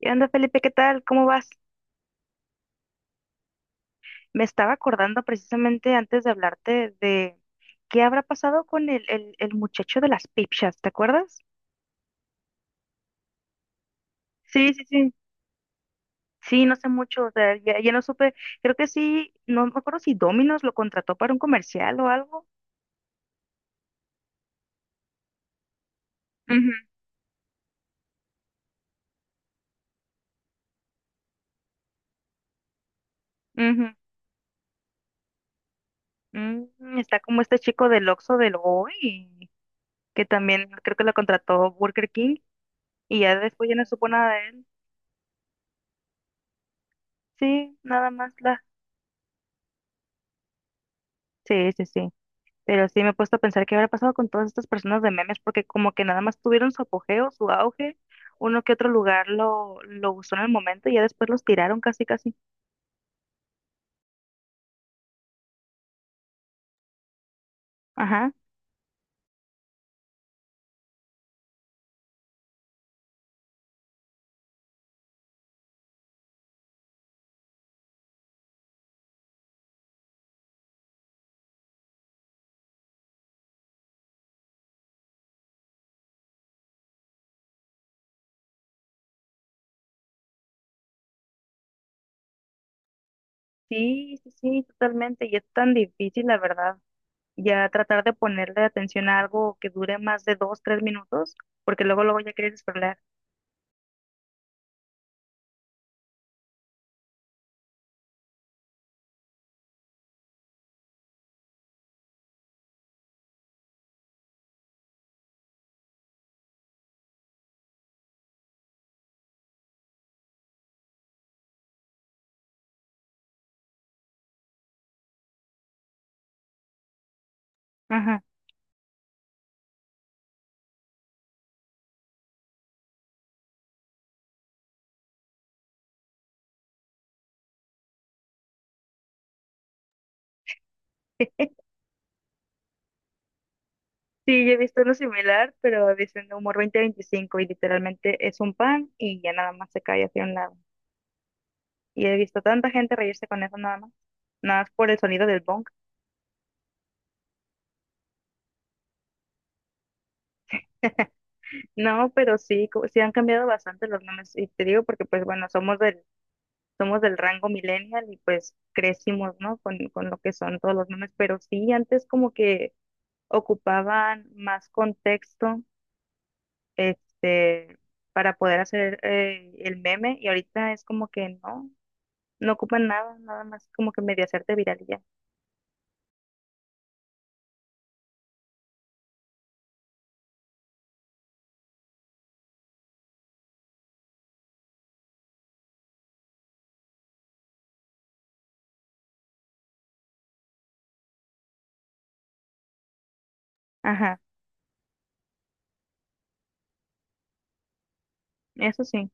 ¿Qué onda, Felipe? ¿Qué tal? ¿Cómo vas? Me estaba acordando precisamente antes de hablarte de qué habrá pasado con el muchacho de las pipchas, ¿te acuerdas? Sí, sí, sí. Sí, no sé mucho, o sea, ya no supe, creo que sí, no me acuerdo si Domino's lo contrató para un comercial o algo. Ujú, ujú. Está como este chico del Oxxo del Hoy, que también creo que lo contrató Burger King y ya después ya no supo nada de él. Sí, nada más la. Sí, sí, sí. Pero sí me he puesto a pensar qué habrá pasado con todas estas personas de memes, porque como que nada más tuvieron su apogeo, su auge, uno que otro lugar lo usó en el momento y ya después los tiraron casi, casi. Ajá. Sí, sí, sí, totalmente. Y es tan difícil, la verdad, ya tratar de ponerle atención a algo que dure más de 2, 3 minutos, porque luego, luego ya quieres scrollear. Ajá. Sí, yo he visto uno similar, pero dicen humor 2025 y literalmente es un pan y ya nada más se cae hacia un lado. Y he visto tanta gente reírse con eso nada más. Nada más por el sonido del bonk. No, pero sí, sí han cambiado bastante los nombres. Y te digo porque, pues bueno, somos del rango millennial y pues crecimos, ¿no? Con lo que son todos los memes. Pero sí, antes como que ocupaban más contexto, este, para poder hacer el meme. Y ahorita es como que no ocupan nada, nada más como que medio hacerte viral y ya. Ajá, eso sí.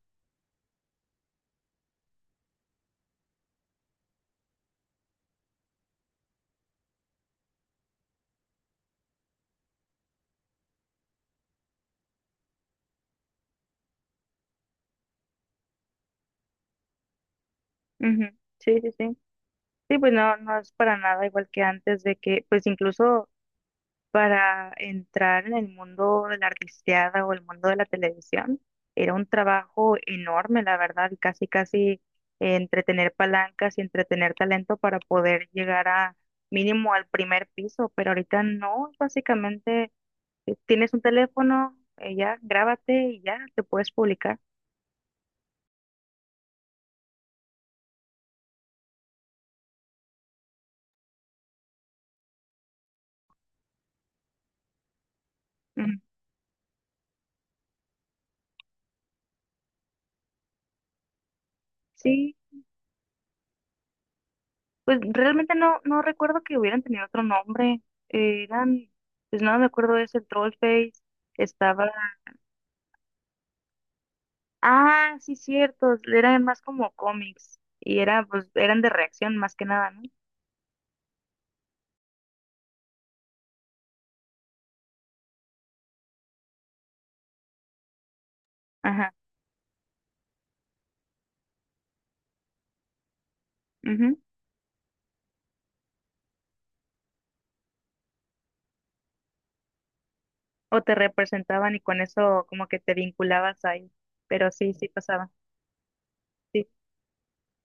Ujú. Sí, sí, sí. Sí, pues no es para nada igual que antes de que, pues incluso para entrar en el mundo de la artisteada o el mundo de la televisión, era un trabajo enorme, la verdad, y casi, casi entretener palancas y entretener talento para poder llegar a mínimo al primer piso, pero ahorita no, básicamente tienes un teléfono, ya, grábate y ya, te puedes publicar. Ujú. Sí, pues realmente no recuerdo que hubieran tenido otro nombre. Eh, eran, pues no me acuerdo de ese Trollface. Estaba. Ah, sí, cierto. Eran más como cómics. Y pues, eran de reacción más que nada, ¿no? Ajá. Ujú. O te representaban y con eso como que te vinculabas ahí. Pero sí, sí pasaba. Sí,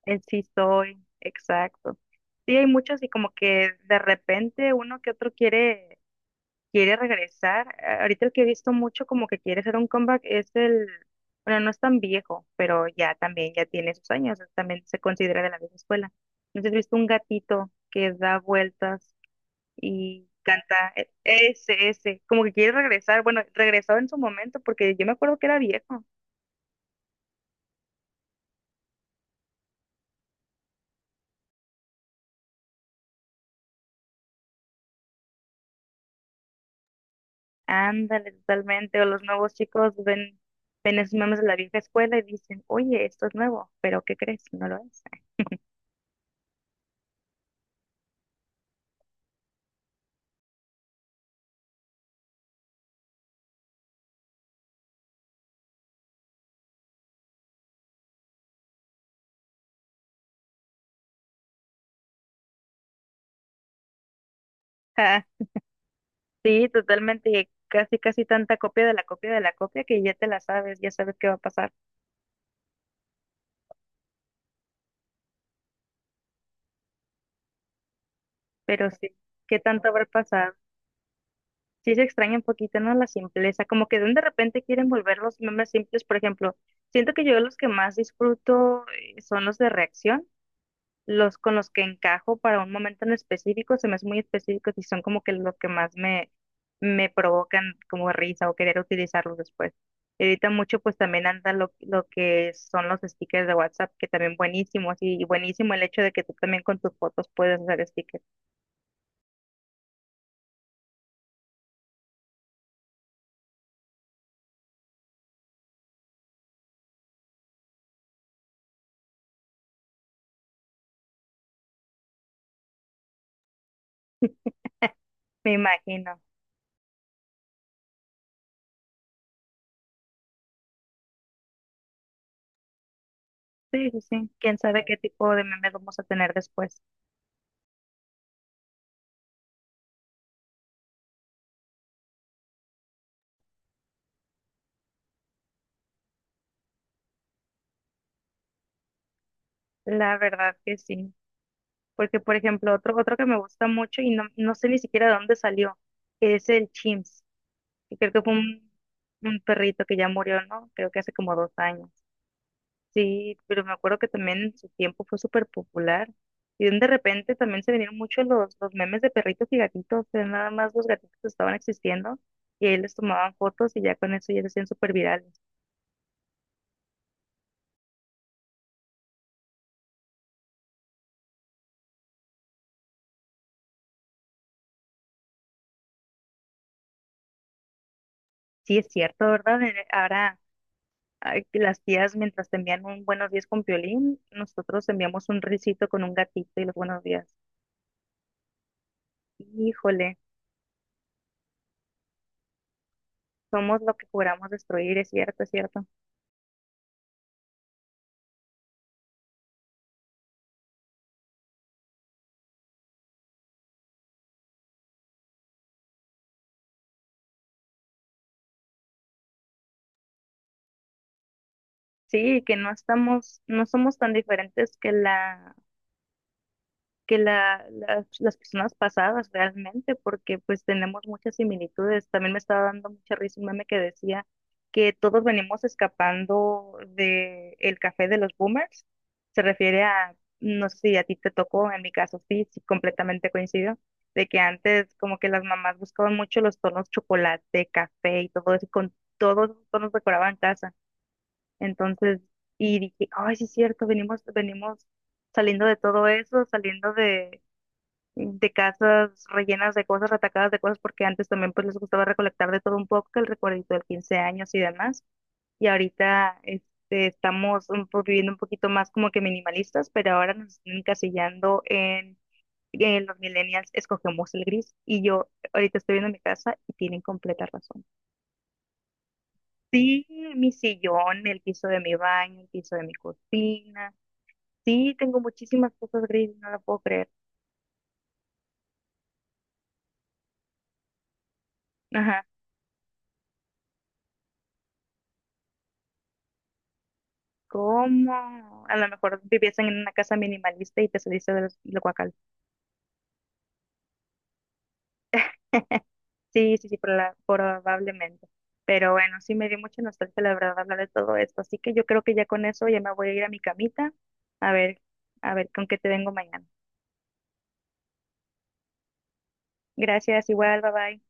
el sí soy. Exacto. Sí, hay muchos y como que de repente uno que otro quiere. Quiere regresar. Ahorita el que he visto mucho como que quiere hacer un comeback es el, bueno, no es tan viejo, pero ya también ya tiene sus años, también se considera de la vieja escuela. Entonces he visto un gatito que da vueltas y canta ese, como que quiere regresar. Bueno, regresó en su momento porque yo me acuerdo que era viejo. Ándale, totalmente. O los nuevos chicos ven esos memes de la vieja escuela y dicen, oye, esto es nuevo, pero ¿qué crees? No lo es. Sí, totalmente, casi, casi tanta copia de la copia de la copia que ya te la sabes, ya sabes qué va a pasar, pero sí, ¿qué tanto habrá pasado? Sí se extraña un poquito, ¿no? La simpleza, como que de repente quieren volver los memes simples, por ejemplo, siento que yo los que más disfruto son los de reacción, los con los que encajo para un momento en específico, se me hacen muy específicos y son como que lo que más me provocan como risa o querer utilizarlos después. Y ahorita mucho pues también anda lo que son los stickers de WhatsApp, que también buenísimos y buenísimo el hecho de que tú también con tus fotos puedes hacer stickers, me imagino. Sí, sí, sí. Quién sabe qué tipo de memes vamos a tener después. La verdad que sí. Porque, por ejemplo, otro que me gusta mucho y no sé ni siquiera de dónde salió, es el Chimps. Y creo que fue un perrito que ya murió, ¿no? Creo que hace como 2 años. Sí, pero me acuerdo que también en su tiempo fue súper popular. Y de repente también se vinieron muchos los memes de perritos y gatitos, que nada más los gatitos estaban existiendo y ahí les tomaban fotos y ya con eso ya se hacían súper virales. Sí, es cierto, ¿verdad? Ahora ay, que las tías mientras te envían un buenos días con Piolín, nosotros enviamos un risito con un gatito y los buenos días. Híjole, somos lo que juramos destruir, es cierto, es cierto. Sí, que no somos tan diferentes que que las personas pasadas realmente, porque pues tenemos muchas similitudes. También me estaba dando mucha risa un meme que decía que todos venimos escapando de el café de los boomers. Se refiere a, no sé si a ti te tocó, en mi caso sí, sí, completamente coincido, de que antes como que las mamás buscaban mucho los tonos chocolate, café y todo eso, y con todos los tonos decoraban casa. Entonces, y dije, ay, sí es cierto, venimos saliendo de todo eso, saliendo de casas rellenas de cosas, atacadas de cosas, porque antes también pues les gustaba recolectar de todo un poco, que el recuerdito del 15 años y demás. Y ahorita este, estamos un viviendo un poquito más como que minimalistas, pero ahora nos están encasillando en los millennials, escogemos el gris. Y yo ahorita estoy viendo mi casa y tienen completa razón. Sí, mi sillón, el piso de mi baño, el piso de mi cocina. Sí, tengo muchísimas cosas grises, no lo puedo creer. Ajá. ¿Cómo? A lo mejor viviesen en una casa minimalista y te saliste del guacal. Sí, sí, sí, probablemente. Pero bueno, sí me dio mucha nostalgia, la verdad, hablar de todo esto. Así que yo creo que ya con eso ya me voy a ir a mi camita. A ver, a ver con qué te vengo mañana. Gracias, igual, bye bye.